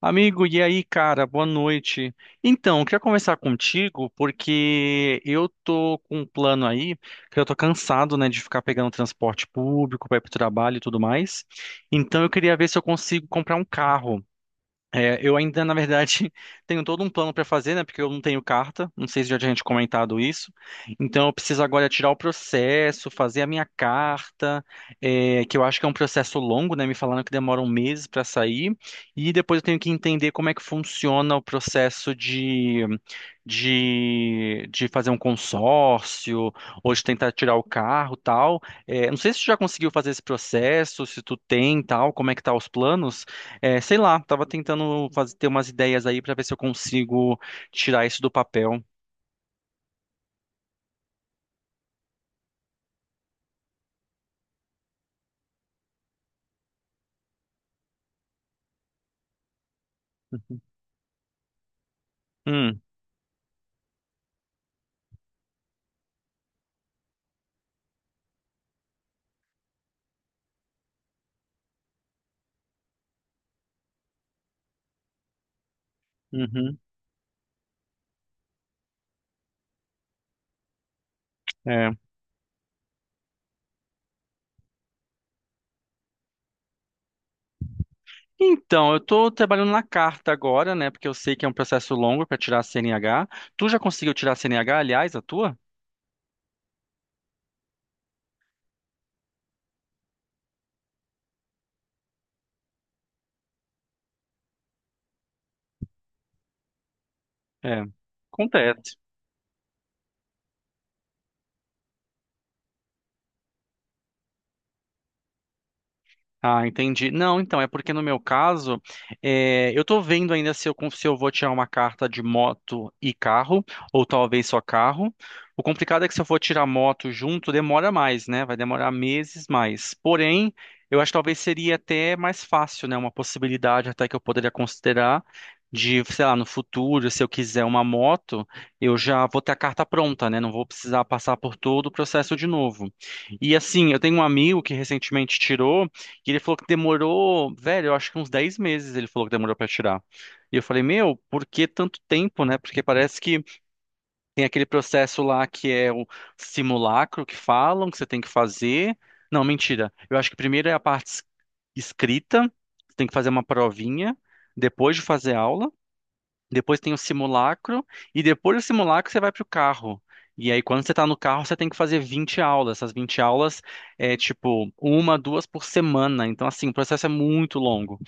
Amigo, e aí, cara? Boa noite. Então, eu queria conversar contigo porque eu tô com um plano aí, que eu tô cansado, né, de ficar pegando transporte público para ir pro trabalho e tudo mais. Então, eu queria ver se eu consigo comprar um carro. Eu ainda, na verdade, tenho todo um plano para fazer, né? Porque eu não tenho carta, não sei se já tinha gente comentado isso. Então, eu preciso agora tirar o processo, fazer a minha carta, que eu acho que é um processo longo, né? Me falaram que demora um mês para sair. E depois eu tenho que entender como é que funciona o processo de fazer um consórcio, ou de tentar tirar o carro, tal. Não sei se tu já conseguiu fazer esse processo, se tu tem, tal, como é que tá os planos. Sei lá, tava tentando fazer, ter umas ideias aí pra ver se eu consigo tirar isso do papel. Hum, uhum, é. Então, eu tô trabalhando na carta agora, né? Porque eu sei que é um processo longo pra tirar a CNH. Tu já conseguiu tirar a CNH, aliás, a tua? É, acontece. Ah, entendi. Não, então, é porque no meu caso, eu tô vendo ainda se eu, se eu vou tirar uma carta de moto e carro, ou talvez só carro. O complicado é que se eu for tirar moto junto, demora mais, né? Vai demorar meses mais. Porém, eu acho que talvez seria até mais fácil, né? Uma possibilidade até que eu poderia considerar de, sei lá, no futuro, se eu quiser uma moto, eu já vou ter a carta pronta, né? Não vou precisar passar por todo o processo de novo. E assim, eu tenho um amigo que recentemente tirou. E ele falou que demorou, velho, eu acho que uns 10 meses ele falou que demorou pra tirar. E eu falei, meu, por que tanto tempo, né? Porque parece que tem aquele processo lá que é o simulacro que falam que você tem que fazer. Não, mentira. Eu acho que primeiro é a parte escrita, você tem que fazer uma provinha, depois de fazer aula. Depois tem o simulacro e depois do simulacro você vai para o carro. E aí, quando você está no carro, você tem que fazer 20 aulas. Essas 20 aulas é tipo uma, duas por semana. Então, assim, o processo é muito longo.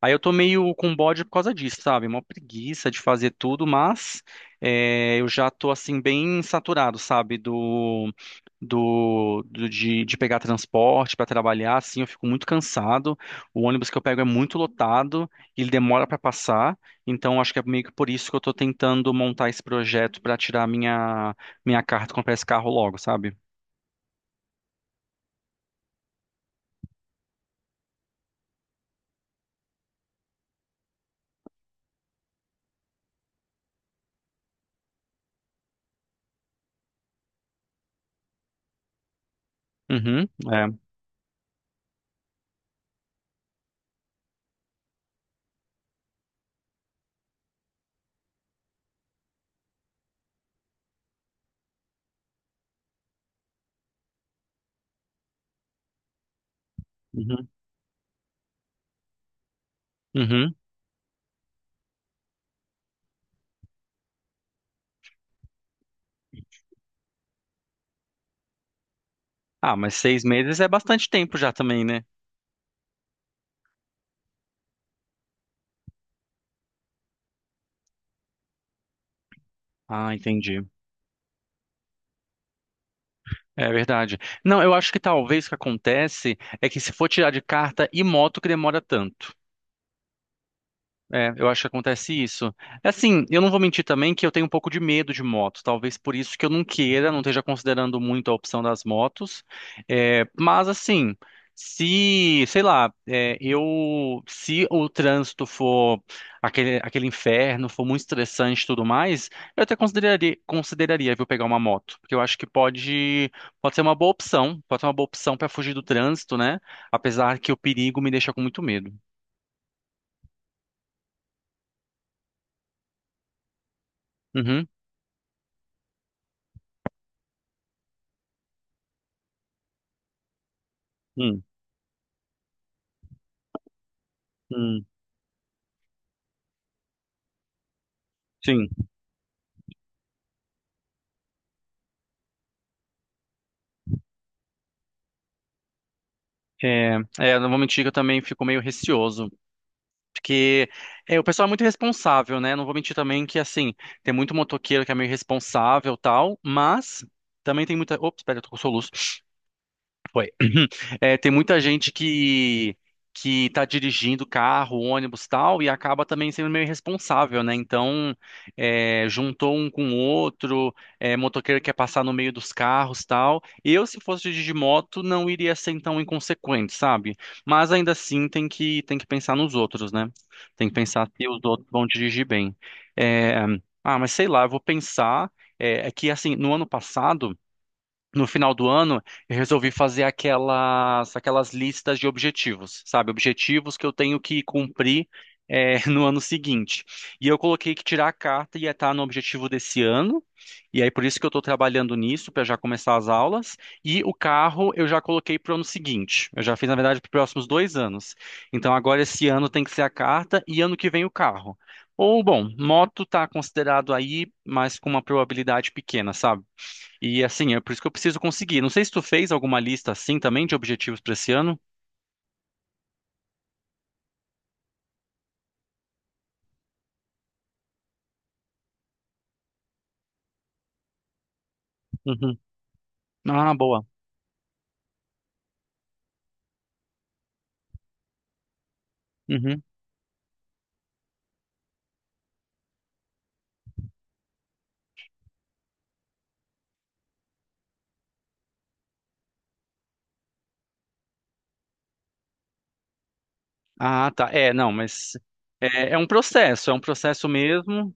Aí eu tô meio com bode por causa disso, sabe? Uma preguiça de fazer tudo, mas eu já tô assim bem saturado, sabe? De pegar transporte para trabalhar, assim, eu fico muito cansado. O ônibus que eu pego é muito lotado, ele demora para passar, então acho que é meio que por isso que eu tô tentando montar esse projeto para tirar minha carta e comprar esse carro logo, sabe? Uhum, é. Uhum, uhum. Ah, mas seis meses é bastante tempo já também, né? Ah, entendi. É verdade. Não, eu acho que talvez o que acontece é que se for tirar de carta e moto que demora tanto. É, eu acho que acontece isso. É. Assim, eu não vou mentir também que eu tenho um pouco de medo de moto. Talvez por isso que eu não queira, não esteja considerando muito a opção das motos. Mas assim, se, sei lá, se o trânsito for aquele inferno, for muito estressante e tudo mais, eu até consideraria, viu, pegar uma moto. Porque eu acho que pode ser uma boa opção. Pode ser uma boa opção para fugir do trânsito, né? Apesar que o perigo me deixa com muito medo. Uhum. Hum. Hum. Sim, não vou mentir que eu também fico meio receoso, porque o pessoal é muito responsável, né? Não vou mentir também que, assim, tem muito motoqueiro que é meio responsável e tal, mas também tem muita... Ops, espera, eu tô com soluço. Foi. É, tem muita gente que tá dirigindo carro, ônibus, tal, e acaba também sendo meio irresponsável, né? Então, juntou um com o outro, motoqueiro quer passar no meio dos carros, tal. Eu, se fosse dirigir moto, não iria ser tão inconsequente, sabe? Mas ainda assim tem que pensar nos outros, né? Tem que pensar se os outros vão dirigir bem. É, ah, mas sei lá, eu vou pensar. É que assim, no ano passado no final do ano, eu resolvi fazer aquelas listas de objetivos, sabe? Objetivos que eu tenho que cumprir, no ano seguinte. E eu coloquei que tirar a carta ia estar no objetivo desse ano, e aí por isso que eu estou trabalhando nisso, para já começar as aulas. E o carro eu já coloquei para o ano seguinte. Eu já fiz, na verdade, para os próximos dois anos. Então agora esse ano tem que ser a carta e ano que vem o carro. Ou, bom, moto está considerado aí, mas com uma probabilidade pequena, sabe? E assim, é por isso que eu preciso conseguir. Não sei se tu fez alguma lista assim também de objetivos para esse ano. Uhum. Ah, boa. Uhum. Ah, tá. É, não, mas é um processo mesmo.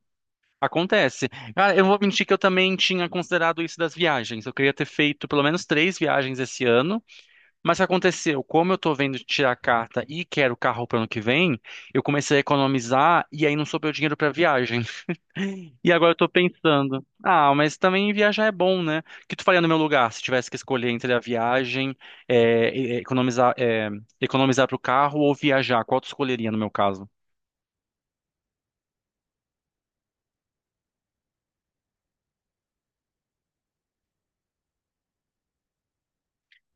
Acontece. Cara, eu não vou mentir que eu também tinha considerado isso das viagens. Eu queria ter feito pelo menos três viagens esse ano, mas o que aconteceu? Como eu tô vendo de tirar a carta e quero carro para ano que vem, eu comecei a economizar e aí não sobrou dinheiro para viagem. E agora eu tô pensando, ah, mas também viajar é bom, né? O que tu faria no meu lugar se tivesse que escolher entre a viagem, economizar, economizar pro carro ou viajar? Qual tu escolheria no meu caso?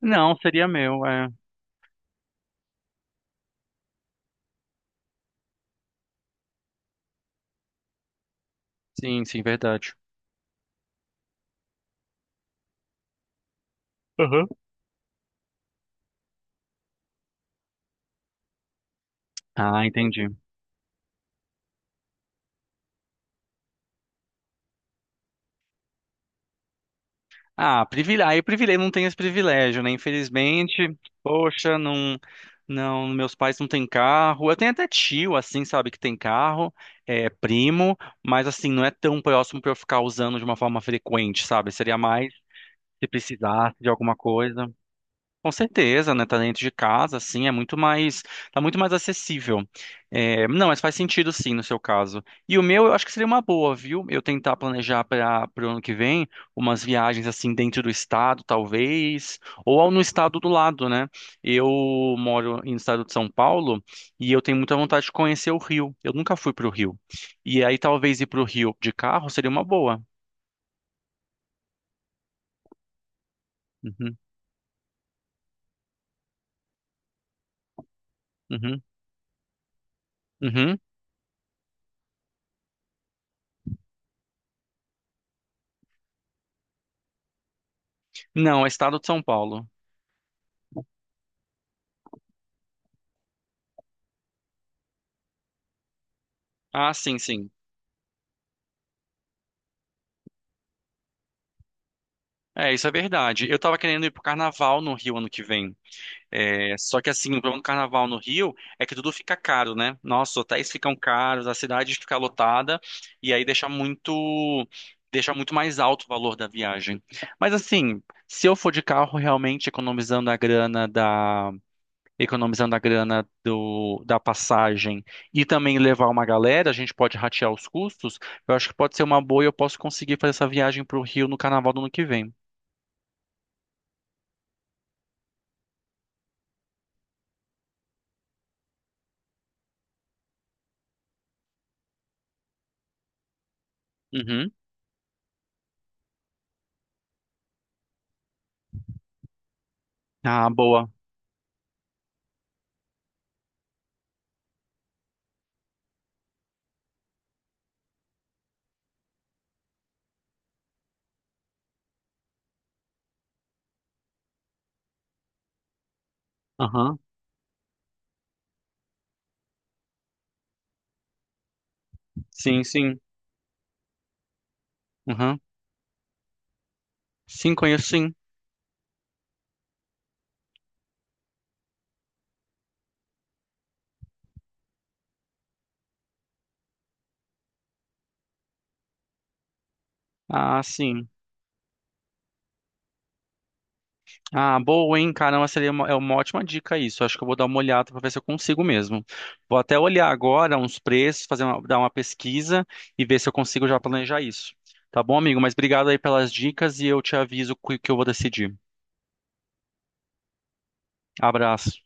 Não, seria meu, é. Sim, sim, verdade. Aham. Ah, entendi. Ah, privile... aí o privilégio não tem esse privilégio, né? Infelizmente, poxa, não, não, meus pais não têm carro. Eu tenho até tio, assim, sabe, que tem carro, é primo, mas assim, não é tão próximo pra eu ficar usando de uma forma frequente, sabe? Seria mais se precisasse de alguma coisa. Com certeza, né? Tá dentro de casa, assim, é muito mais, tá muito mais acessível. É, não, mas faz sentido sim no seu caso. E o meu, eu acho que seria uma boa, viu? Eu tentar planejar para o ano que vem umas viagens assim dentro do estado, talvez, ou ao no estado do lado, né? Eu moro no estado de São Paulo e eu tenho muita vontade de conhecer o Rio. Eu nunca fui para o Rio. E aí talvez ir para o Rio de carro seria uma boa. Uhum, uhum, uhum. Não, é estado de São Paulo. Ah, sim, sim. É, isso é verdade. Eu tava querendo ir pro carnaval no Rio ano que vem. É, só que assim, o problema do carnaval no Rio é que tudo fica caro, né? Nossa, os hotéis ficam caros, a cidade fica lotada e aí deixa muito mais alto o valor da viagem. Mas assim, se eu for de carro realmente economizando a grana da passagem e também levar uma galera, a gente pode ratear os custos. Eu acho que pode ser uma boa e eu posso conseguir fazer essa viagem pro Rio no carnaval do ano que vem. Uhum. Ah, boa. Aham. Sim, sim. Aham. Sim, conheço sim. Ah, sim. Ah, boa, hein? Caramba, é uma ótima dica isso. Acho que eu vou dar uma olhada para ver se eu consigo mesmo. Vou até olhar agora uns preços, dar uma pesquisa e ver se eu consigo já planejar isso. Tá bom, amigo? Mas obrigado aí pelas dicas e eu te aviso o que que eu vou decidir. Abraço.